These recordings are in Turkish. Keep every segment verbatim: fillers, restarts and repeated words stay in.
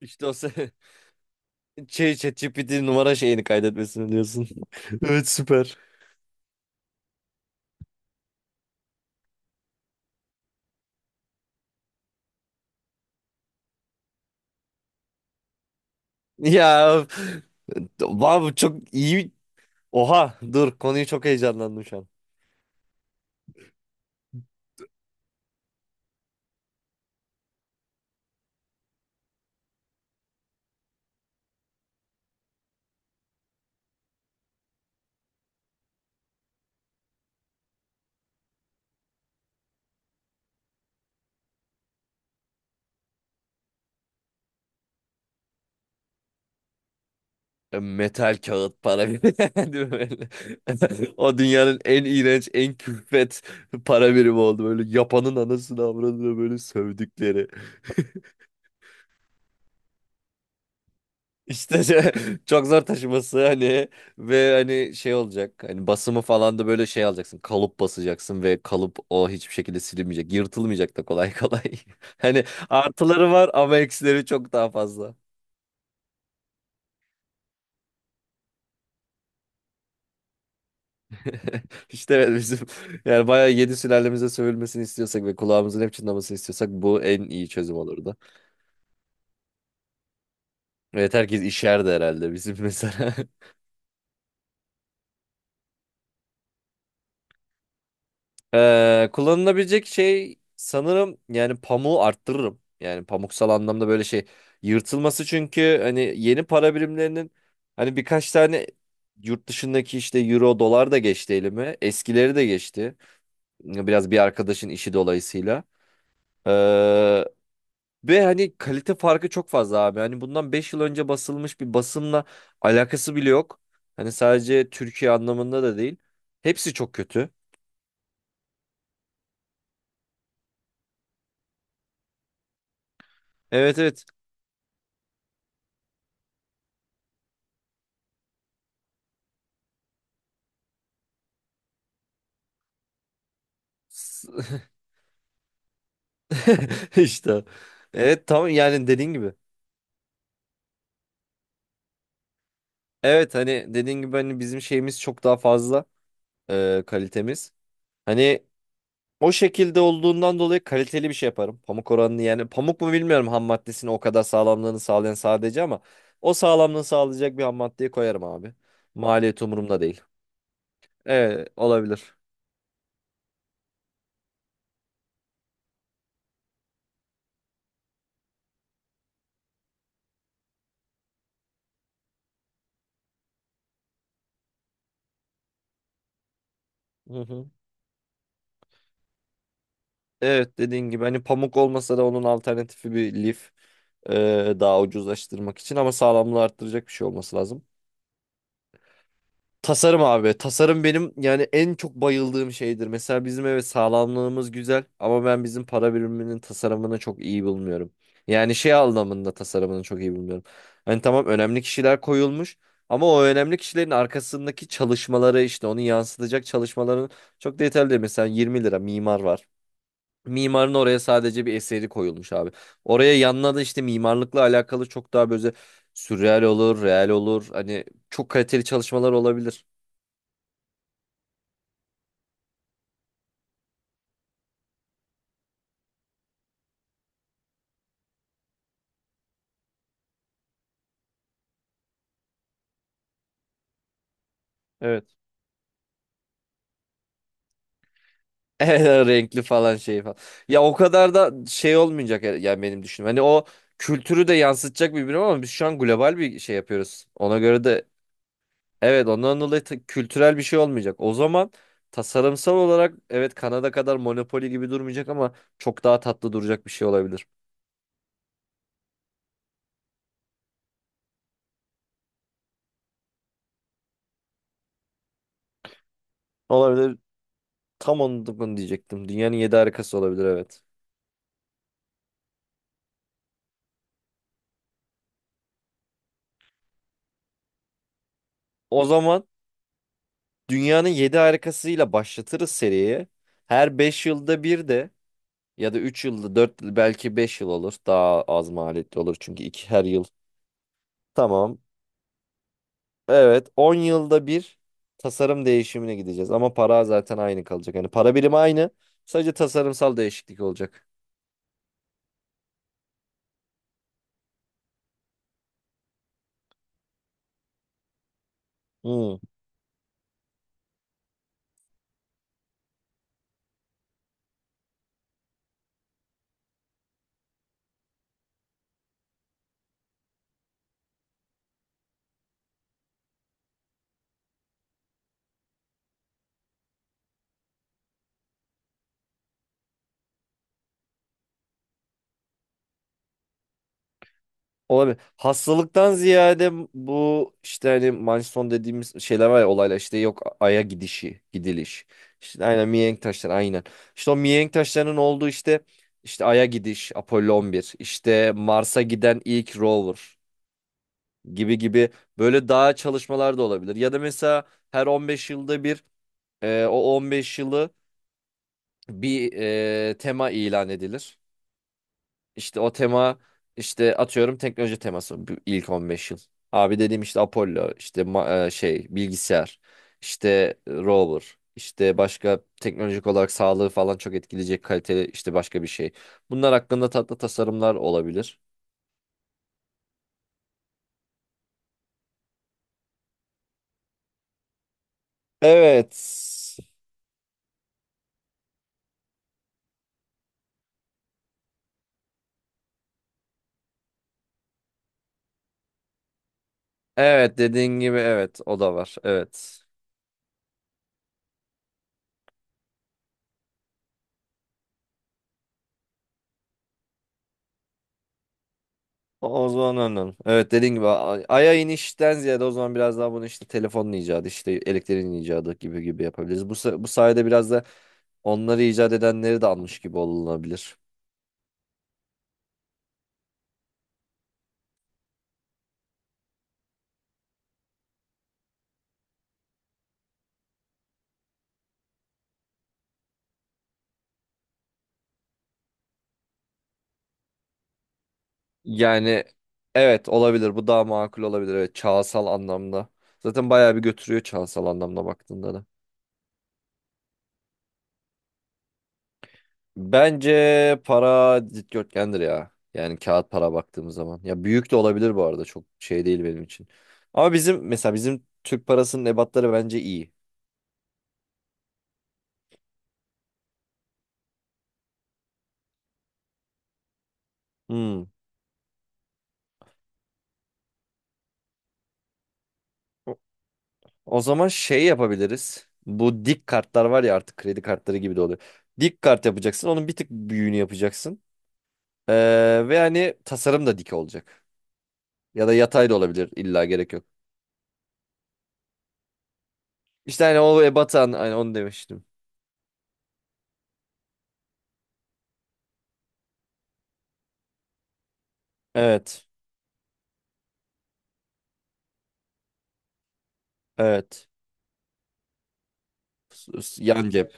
İşte o se- şey ChatGPT numara şeyini kaydetmesini diyorsun. Evet, süper. Ya, wow, çok iyi. Oha, dur, konuyu çok heyecanlandım şu an. E, Metal kağıt para birimi. Değil mi böyle? O dünyanın en iğrenç, en külfet para birimi oldu. Böyle yapanın anasını avradını böyle sövdükleri. İşte şey- çok zor taşıması hani, ve hani şey olacak hani basımı falan da böyle şey alacaksın, kalıp basacaksın ve kalıp o hiçbir şekilde silinmeyecek, yırtılmayacak da kolay kolay. Hani artıları var ama eksileri çok daha fazla. İşte evet, bizim yani bayağı yedi sülalemize sövülmesini istiyorsak ve kulağımızın hep çınlamasını istiyorsak bu en iyi çözüm olurdu. Evet, herkes işerdi herhalde bizim mesela. Ee, kullanılabilecek şey sanırım yani pamuğu arttırırım. Yani pamuksal anlamda böyle şey yırtılması, çünkü hani yeni para birimlerinin hani birkaç tane yurt dışındaki işte euro dolar da geçti elime. Eskileri de geçti. Biraz bir arkadaşın işi dolayısıyla. Ee, ve hani kalite farkı çok fazla abi. Hani bundan beş yıl önce basılmış bir basımla alakası bile yok. Hani sadece Türkiye anlamında da değil. Hepsi çok kötü. Evet, evet. İşte. Evet, tamam, yani dediğin gibi. Evet, hani dediğin gibi hani bizim şeyimiz çok daha fazla, e, kalitemiz. Hani o şekilde olduğundan dolayı kaliteli bir şey yaparım. Pamuk oranını, yani pamuk mu bilmiyorum, ham maddesini o kadar sağlamlığını sağlayan sadece, ama o sağlamlığını sağlayacak bir ham maddeyi koyarım abi. Maliyet umurumda değil. Evet, olabilir. Hı hı. Evet, dediğin gibi hani pamuk olmasa da onun alternatifi bir lif, e, daha ucuzlaştırmak için, ama sağlamlığı arttıracak bir şey olması lazım. Tasarım abi. Tasarım benim yani en çok bayıldığım şeydir. Mesela bizim, evet, sağlamlığımız güzel, ama ben bizim para biriminin tasarımını çok iyi bulmuyorum. Yani şey anlamında tasarımını çok iyi bulmuyorum. Hani tamam, önemli kişiler koyulmuş, ama o önemli kişilerin arkasındaki çalışmaları, işte onu yansıtacak çalışmaların çok detaylı değil. Mesela 20 lira mimar var. Mimarın oraya sadece bir eseri koyulmuş abi. Oraya yanına da işte mimarlıkla alakalı çok daha böyle sürreal olur, real olur. Hani çok kaliteli çalışmalar olabilir. Evet. renkli falan, şey falan. Ya o kadar da şey olmayacak her- yani benim düşünüm. Hani o kültürü de yansıtacak birbirine, ama biz şu an global bir şey yapıyoruz. Ona göre de evet, ondan dolayı ta- kültürel bir şey olmayacak. O zaman tasarımsal olarak, evet, Kanada kadar Monopoly gibi durmayacak, ama çok daha tatlı duracak bir şey olabilir. Olabilir. Tam onu da bunu diyecektim. Dünyanın yedi harikası olabilir, evet. O zaman dünyanın yedi harikasıyla başlatırız seriye. Her beş yılda bir de, ya da üç yılda dört, belki beş yıl olur. Daha az maliyetli olur çünkü iki her yıl. Tamam. Evet, on yılda bir tasarım değişimine gideceğiz, ama para zaten aynı kalacak. Yani para birimi aynı. Sadece tasarımsal değişiklik olacak. Hmm. Olabilir. Hastalıktan ziyade bu işte hani Manson dediğimiz şeyler var ya, olaylar, işte yok, Ay'a gidişi, gidiliş. İşte aynen, mihenk taşları, aynen. İşte o mihenk taşlarının olduğu işte, işte Ay'a gidiş, Apollo on bir, işte Mars'a giden ilk rover gibi gibi, böyle daha çalışmalar da olabilir. Ya da mesela her on beş yılda bir, e, o on beş yılı bir, e, tema ilan edilir. İşte o tema, işte atıyorum teknoloji teması bu ilk on beş yıl. Abi dediğim işte Apollo, işte ma- e, şey bilgisayar, işte rover, işte başka teknolojik olarak sağlığı falan çok etkileyecek kaliteli işte başka bir şey. Bunlar hakkında tatlı tasarımlar olabilir. Evet. Evet, dediğin gibi, evet, o da var. Evet. O o zaman anladım. Evet, dediğin gibi a- Ay'a inişten ziyade, o zaman biraz daha bunu işte telefonun icadı, işte elektriğin icadı gibi gibi yapabiliriz. Bu, sa- bu sayede biraz da onları icat edenleri de almış gibi olunabilir. Yani evet, olabilir, bu daha makul olabilir, evet, çağsal anlamda. Zaten bayağı bir götürüyor çağsal anlamda baktığında da. Bence para dikdörtgendir ya. Yani kağıt para baktığımız zaman. Ya büyük de olabilir bu arada, çok şey değil benim için. Ama bizim mesela bizim Türk parasının ebatları bence iyi. Hmm. O o zaman şey yapabiliriz. Bu dik kartlar var ya artık, kredi kartları gibi de oluyor. Dik kart yapacaksın. Onun bir tık büyüğünü yapacaksın. Ee, ve hani tasarım da dik olacak. Ya da yatay da olabilir. İlla gerek yok. İşte hani o ebatan, hani onu demiştim. Evet. Evet. S- s- Yan cep,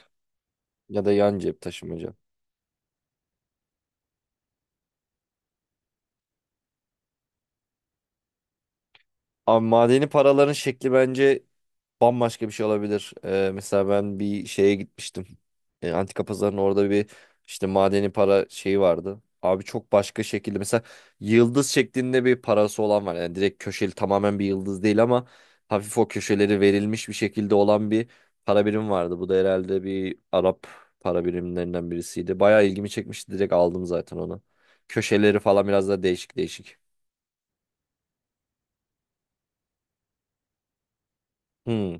ya da yan cep taşımaca. Abi madeni paraların şekli bence bambaşka bir şey olabilir. Ee, mesela ben bir şeye gitmiştim. Ee, antika pazarının orada bir işte madeni para şeyi vardı. Abi çok başka şekilde, mesela yıldız şeklinde bir parası olan var. Yani direkt köşeli tamamen bir yıldız değil, ama hafif o köşeleri verilmiş bir şekilde olan bir para birim vardı. Bu da herhalde bir Arap para birimlerinden birisiydi. Bayağı ilgimi çekmişti. Direkt aldım zaten onu. Köşeleri falan biraz da değişik değişik. Hmm.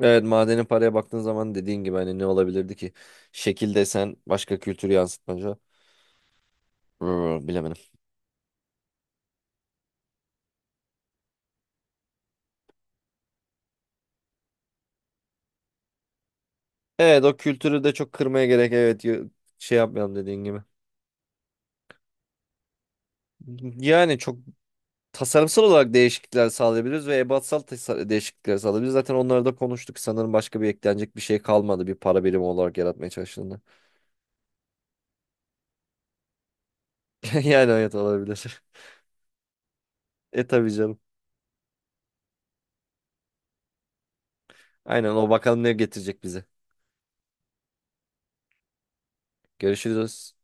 Evet, madeni paraya baktığın zaman dediğin gibi hani ne olabilirdi ki? Şekil desen başka, kültürü yansıtmaca. Brr, bilemedim. Evet, o kültürü de çok kırmaya gerek, evet, yo- şey yapmayalım dediğin gibi. Yani çok tasarımsal olarak değişiklikler sağlayabiliriz ve ebatsal tasa- değişiklikler sağlayabiliriz. Zaten onları da konuştuk. Sanırım başka bir eklenecek bir şey kalmadı bir para birimi olarak yaratmaya çalıştığında. Yani evet, olabilir. E tabii canım. Aynen, o bakalım ne getirecek bize. Görüşürüz.